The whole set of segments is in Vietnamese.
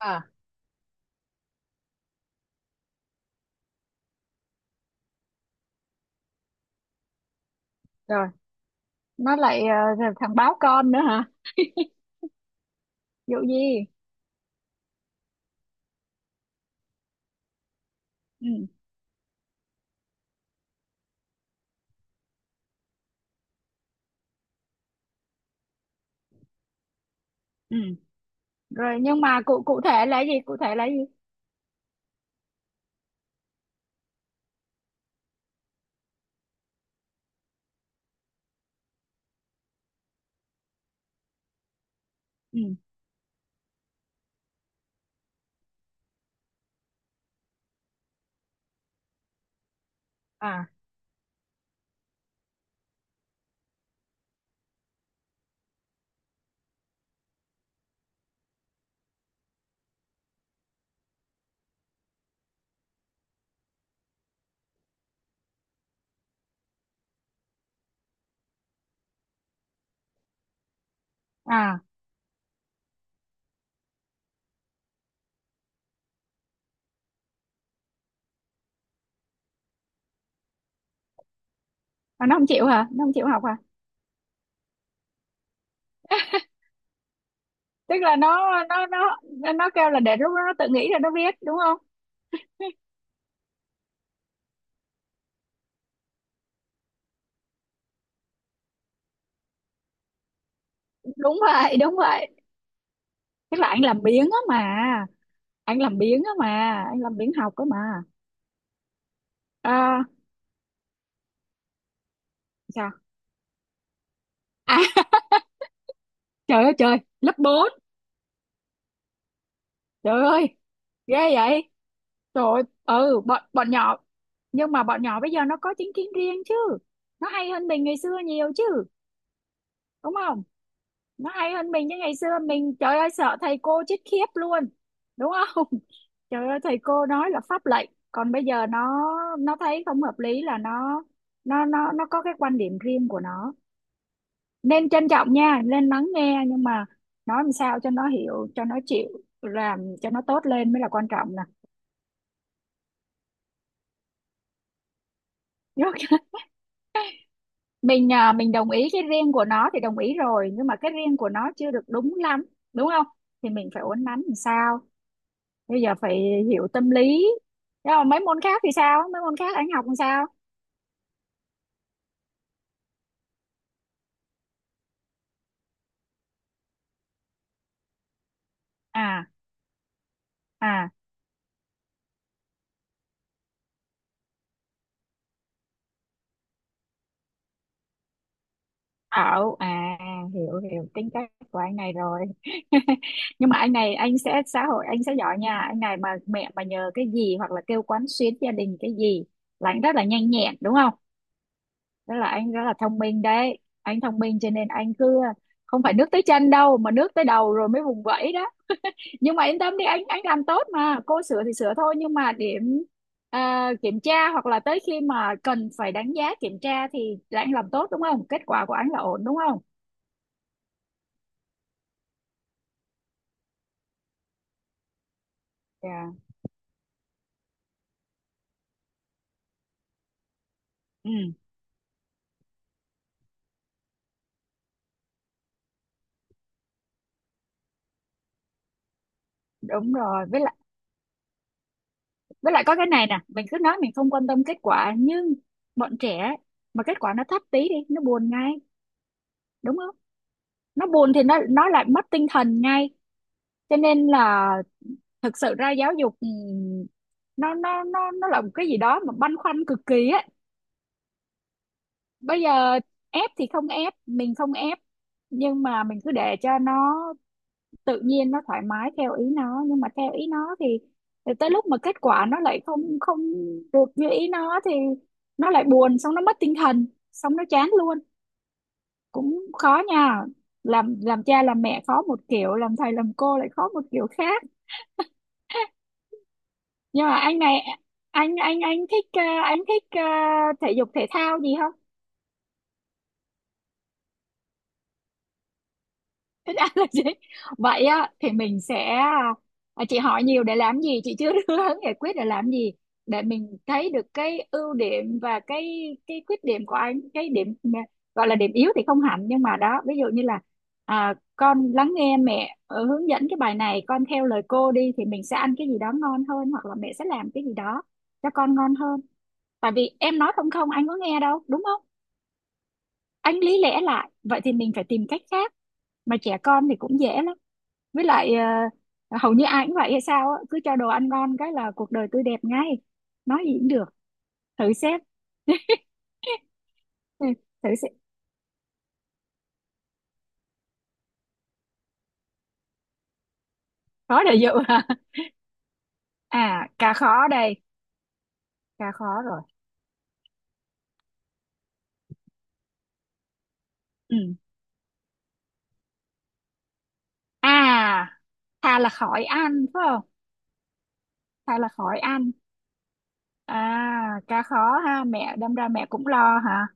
À, rồi nó lại thằng báo con nữa hả? Vụ gì? Ừ, ừ, rồi. Nhưng mà cụ cụ thể là gì, cụ thể là gì? Ừ. À, à. À, nó không chịu hả, nó không chịu học hả? Tức là nó kêu là để lúc đó nó tự nghĩ rồi nó viết, đúng không? Đúng vậy, đúng vậy. Tức là anh làm biếng á mà, anh làm biếng á mà, anh làm biếng học á mà. À, sao? À, trời ơi trời, lớp bốn. Trời ơi. Ghê vậy. Trời ơi, ừ, bọn nhỏ. Nhưng mà bọn nhỏ bây giờ nó có chính kiến riêng chứ. Nó hay hơn mình ngày xưa nhiều chứ. Đúng không? Nó hay hơn mình chứ, ngày xưa mình trời ơi sợ thầy cô chết khiếp luôn. Đúng không? Trời ơi, thầy cô nói là pháp lệnh. Còn bây giờ nó thấy không hợp lý là nó, nó có cái quan điểm riêng của nó. Nên trân trọng nha. Nên lắng nghe. Nhưng mà nói làm sao cho nó hiểu, cho nó chịu, làm cho nó tốt lên mới là quan trọng nè. Mình à, mình đồng ý cái riêng của nó thì đồng ý rồi nhưng mà cái riêng của nó chưa được đúng lắm, đúng không? Thì mình phải uốn nắn làm sao. Bây giờ phải hiểu tâm lý. Nhưng mà mấy môn khác thì sao, mấy môn khác anh học làm sao? À. À. Ảo à? Hiểu, hiểu tính cách của anh này rồi. Nhưng mà anh này anh sẽ xã hội anh sẽ giỏi nha, anh này mà mẹ mà nhờ cái gì hoặc là kêu quán xuyến gia đình cái gì là anh rất là nhanh nhẹn, đúng không? Rất là anh rất là thông minh đấy. Anh thông minh cho nên anh cứ không phải nước tới chân đâu mà nước tới đầu rồi mới vùng vẫy đó. Nhưng mà yên tâm đi, anh làm tốt mà. Cô sửa thì sửa thôi nhưng mà điểm à, kiểm tra hoặc là tới khi mà cần phải đánh giá kiểm tra thì là anh làm tốt, đúng không? Kết quả của anh là ổn, đúng không? Dạ. Ừ, đúng rồi. Với lại, với lại có cái này nè, mình cứ nói mình không quan tâm kết quả nhưng bọn trẻ ấy, mà kết quả nó thấp tí đi, nó buồn ngay, đúng không? Nó buồn thì nó lại mất tinh thần ngay, cho nên là thực sự ra giáo dục nó là một cái gì đó mà băn khoăn cực kỳ á. Bây giờ ép thì không ép, mình không ép, nhưng mà mình cứ để cho nó tự nhiên nó thoải mái theo ý nó nhưng mà theo ý nó thì tới lúc mà kết quả nó lại không không được như ý nó thì nó lại buồn, xong nó mất tinh thần, xong nó chán luôn. Cũng khó nha. Làm cha làm mẹ khó một kiểu, làm thầy làm cô lại khó một kiểu khác. Nhưng mà anh này anh thích anh thích thể dục thể thao gì không? Ít ăn là gì? Vậy á, thì mình sẽ à, chị hỏi nhiều để làm gì, chị chưa đưa hướng giải quyết để làm gì, để mình thấy được cái ưu điểm và cái khuyết điểm của anh, cái điểm gọi là điểm yếu thì không hẳn nhưng mà đó, ví dụ như là à, con lắng nghe mẹ hướng dẫn cái bài này, con theo lời cô đi thì mình sẽ ăn cái gì đó ngon hơn hoặc là mẹ sẽ làm cái gì đó cho con ngon hơn. Tại vì em nói không không anh có nghe đâu, đúng không? Anh lý lẽ lại vậy thì mình phải tìm cách khác. Mà trẻ con thì cũng dễ lắm. Với lại hầu như ai cũng vậy hay sao á, cứ cho đồ ăn ngon cái là cuộc đời tươi đẹp ngay, nói gì cũng được. Thử xem. Ừ, thử xem. Khó để dụ hả? À cà khó đây. Cà khó rồi. Ừ. À, thà là khỏi ăn, phải không? Thà là khỏi ăn. À cà khó ha, mẹ đâm ra mẹ cũng lo hả?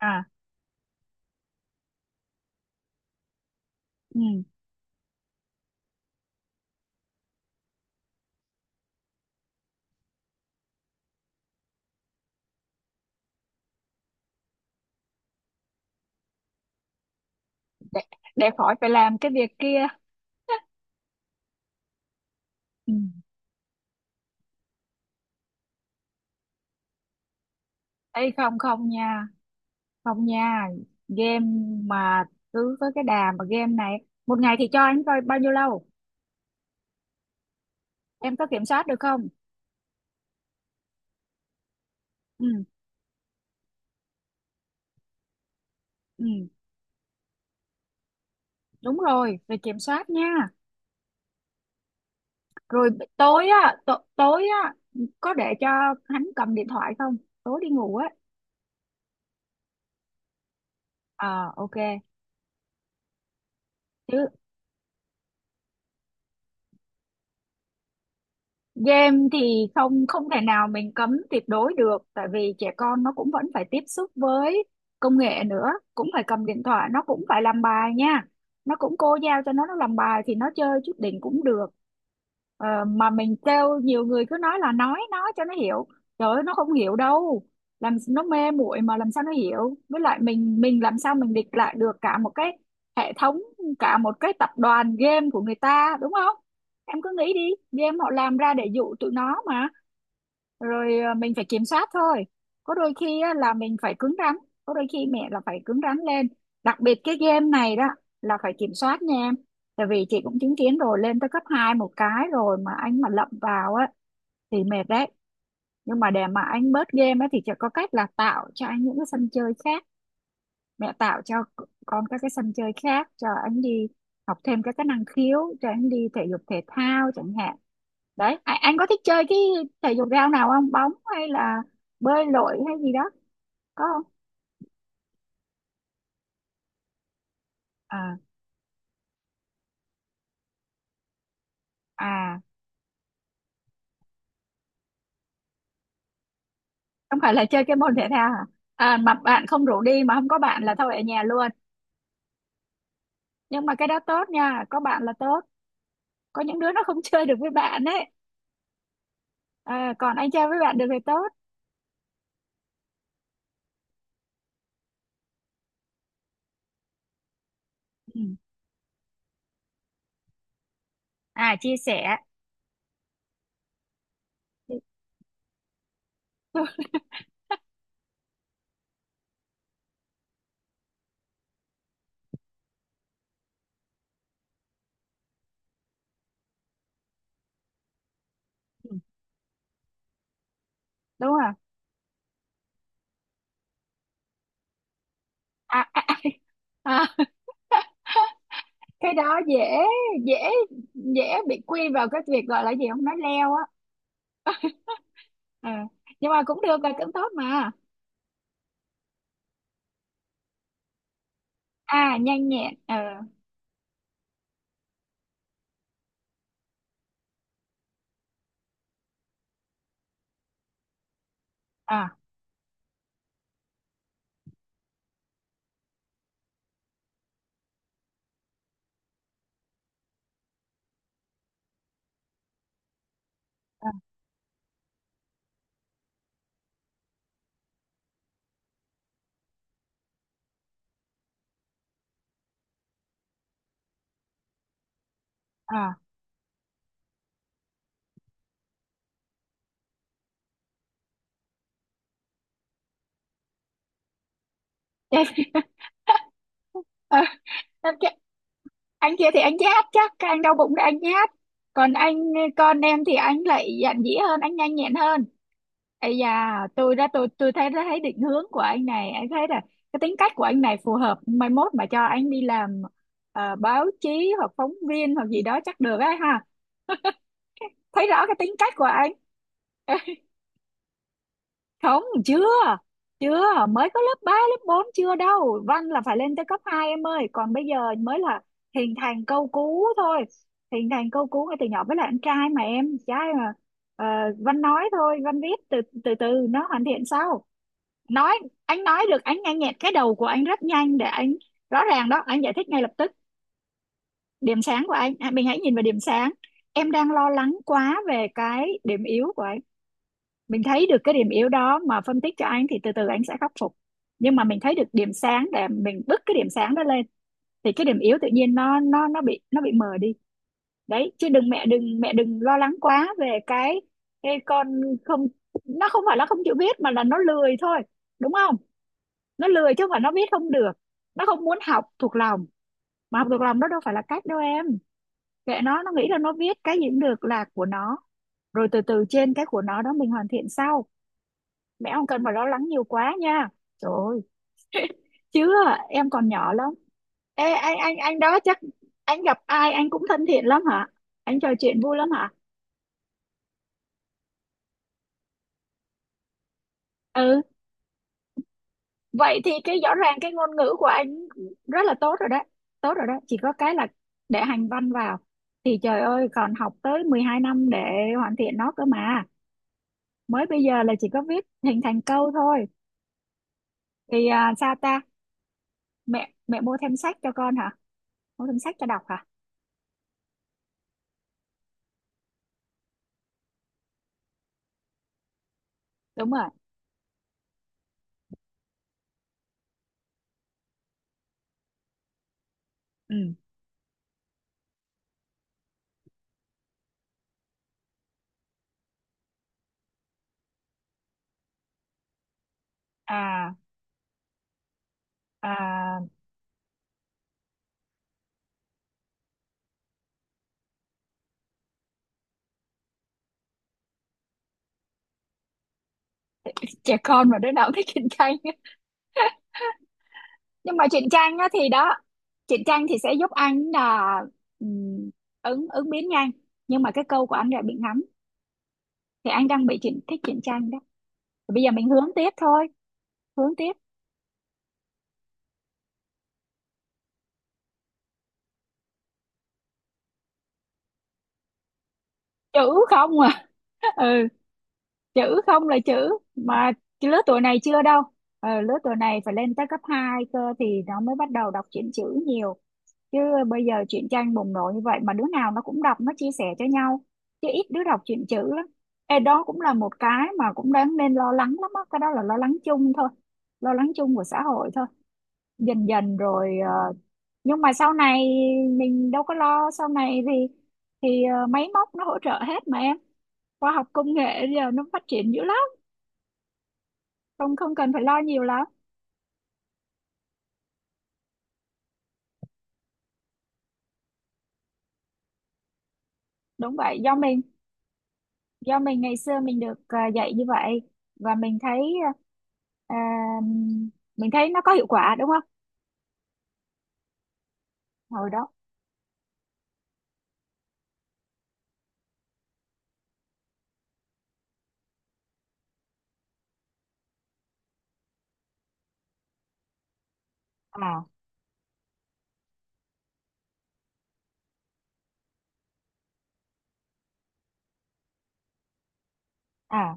À. Ừ. để, để khỏi phải làm cái việc kia. Ừ. Ê, không không nha. Không nha, game mà cứ với cái đà mà game này, một ngày thì cho anh coi bao nhiêu lâu? Em có kiểm soát được không? Ừ. Ừ. Đúng rồi, rồi kiểm soát nha. Rồi tối á, tối á có để cho hắn cầm điện thoại không, tối đi ngủ á? Ờ, ok chứ. Game thì không không thể nào mình cấm tuyệt đối được tại vì trẻ con nó cũng vẫn phải tiếp xúc với công nghệ nữa, cũng phải cầm điện thoại, nó cũng phải làm bài nha. Nó cũng cô giao cho nó làm bài thì nó chơi chút đỉnh cũng được. Ờ, mà mình kêu nhiều người cứ nói là nói cho nó hiểu, trời ơi nó không hiểu đâu. Làm nó mê muội mà làm sao nó hiểu, với lại mình làm sao mình địch lại được cả một cái hệ thống, cả một cái tập đoàn game của người ta, đúng không? Em cứ nghĩ đi, game họ làm ra để dụ tụi nó mà. Rồi à, mình phải kiểm soát thôi. Có đôi khi á, là mình phải cứng rắn, có đôi khi mẹ là phải cứng rắn lên. Đặc biệt cái game này đó là phải kiểm soát nha em. Tại vì chị cũng chứng kiến rồi, lên tới cấp 2 một cái rồi mà anh mà lậm vào á thì mệt đấy. Nhưng mà để mà anh bớt game á thì chỉ có cách là tạo cho anh những cái sân chơi khác. Mẹ tạo cho con các cái sân chơi khác cho anh đi, học thêm các cái năng khiếu cho anh đi, thể dục thể thao chẳng hạn. Đấy, anh có thích chơi cái thể dục thể thao nào không, bóng hay là bơi lội hay gì đó? Có không? À. À, không phải là chơi cái môn thể thao hả? À mà bạn không rủ đi mà không có bạn là thôi ở nhà luôn. Nhưng mà cái đó tốt nha, có bạn là tốt. Có những đứa nó không chơi được với bạn ấy. À, còn anh chơi với bạn được thì tốt. Ừ. À, chia sẻ. Đúng rồi. À, à, à. À, cái đó dễ. Dễ. Dễ. Bị quy vào cái việc gọi là gì, không nói leo á. Ờ. Nhưng mà cũng được, là cũng tốt mà. À, nhanh nhẹn ờ. À. À. À. Anh kia, anh kia thì anh nhát, chắc các anh đau bụng là anh nhát. Còn anh con em thì anh lại dạn dĩ hơn, anh nhanh nhẹn hơn. Ấy da, tôi đã tôi thấy đã thấy định hướng của anh này, anh thấy là cái tính cách của anh này phù hợp mai mốt mà cho anh đi làm báo chí hoặc phóng viên hoặc gì đó chắc được ấy ha. Thấy rõ cái tính cách của anh. Không, chưa, chưa, mới có lớp 3 lớp 4 chưa đâu, văn là phải lên tới cấp 2 em ơi, còn bây giờ mới là hình thành câu cú thôi. Hình thành câu cú ngay từ nhỏ, với lại anh trai mà, em trai mà. Ờ, văn nói thôi, văn viết từ từ từ nó hoàn thiện sau. Nói, anh nói được, anh nhanh nhẹn, cái đầu của anh rất nhanh để anh rõ ràng đó, anh giải thích ngay lập tức. Điểm sáng của anh. À, mình hãy nhìn vào điểm sáng. Em đang lo lắng quá về cái điểm yếu của anh. Mình thấy được cái điểm yếu đó mà phân tích cho anh thì từ từ anh sẽ khắc phục, nhưng mà mình thấy được điểm sáng để mình bứt cái điểm sáng đó lên thì cái điểm yếu tự nhiên nó bị, nó bị mờ đi. Đấy, chứ đừng, mẹ đừng lo lắng quá về cái con. Không, nó không phải nó không chịu viết mà là nó lười thôi, đúng không? Nó lười chứ không phải nó viết không được, nó không muốn học thuộc lòng, mà học thuộc lòng đó đâu phải là cách đâu em. Kệ nó nghĩ là nó viết cái gì cũng được là của nó. Rồi từ từ trên cái của nó đó mình hoàn thiện sau. Mẹ không cần mà lo lắng nhiều quá nha. Trời ơi chứ em còn nhỏ lắm. Ê, anh đó chắc anh gặp ai anh cũng thân thiện lắm hả, anh trò chuyện vui lắm hả? Ừ, vậy thì cái rõ ràng cái ngôn ngữ của anh rất là tốt rồi đấy. Tốt rồi đấy, chỉ có cái là để hành văn vào thì trời ơi còn học tới 12 năm để hoàn thiện nó cơ mà. Mới bây giờ là chỉ có viết hình thành câu thôi. Thì à, sao ta? Mẹ mẹ mua thêm sách cho con hả, mua thêm sách cho đọc hả? Đúng rồi. Ừ. À. À, trẻ con mà đứa nào cũng thích truyện tranh. Nhưng mà truyện tranh á thì đó, truyện tranh thì sẽ giúp anh là ừm, ứng ứng biến nhanh nhưng mà cái câu của anh lại bị ngắn. Thì anh đang bị truyện thích truyện tranh đó. Thì bây giờ mình hướng tiếp thôi. Hướng tiếp. Chữ không à? Ừ, chữ không là chữ mà. Cái lứa tuổi này chưa đâu. Ờ, lứa tuổi này phải lên tới cấp 2 cơ thì nó mới bắt đầu đọc truyện chữ nhiều, chứ bây giờ truyện tranh bùng nổ như vậy mà đứa nào nó cũng đọc, nó chia sẻ cho nhau, chứ ít đứa đọc truyện chữ lắm. Ê, đó cũng là một cái mà cũng đáng nên lo lắng lắm á, cái đó là lo lắng chung thôi, lo lắng chung của xã hội thôi. Dần dần rồi ờ, nhưng mà sau này mình đâu có lo, sau này thì máy móc nó hỗ trợ hết mà em. Khoa học công nghệ giờ nó phát triển dữ lắm. Không không cần phải lo nhiều lắm. Đúng vậy, do mình, do mình ngày xưa mình được à, dạy như vậy và mình thấy à, mình thấy nó có hiệu quả, đúng không? Hồi đó. À. À,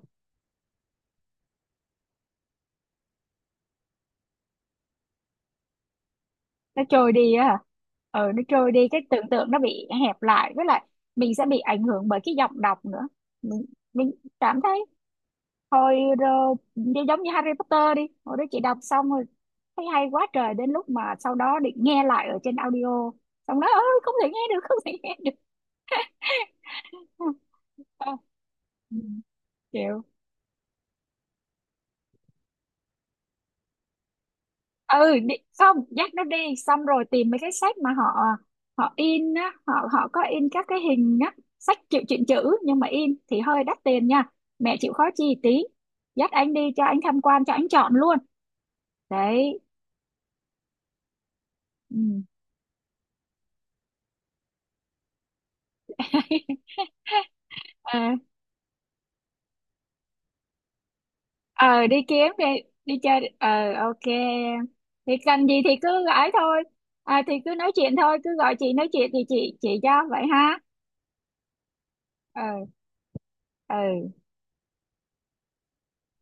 nó trôi đi á hả? Ừ, nó trôi đi, cái tưởng tượng nó bị hẹp lại, với lại mình sẽ bị ảnh hưởng bởi cái giọng đọc nữa. Mình mình cảm thấy hồi rồi giống như Harry Potter đi, hồi đó chị đọc xong rồi thấy hay quá trời, đến lúc mà sau đó định nghe lại ở trên audio, xong đó ơi, không thể nghe được, không thể nghe được. À. Ừ. Kiểu. Ừ, đi, không, dắt nó đi xong rồi tìm mấy cái sách mà họ họ in á, họ họ có in các cái hình á, sách chữ truyện chữ nhưng mà in thì hơi đắt tiền nha. Mẹ chịu khó chi tí dắt anh đi cho anh tham quan, cho anh chọn luôn. Đấy. Ừ. Ờ. Ờ, đi kiếm đi, đi chơi ờ, ok. Thì cần gì thì cứ gọi thôi. À, thì cứ nói chuyện thôi, cứ gọi chị nói chuyện thì chị cho vậy ha. Ờ. Ừ.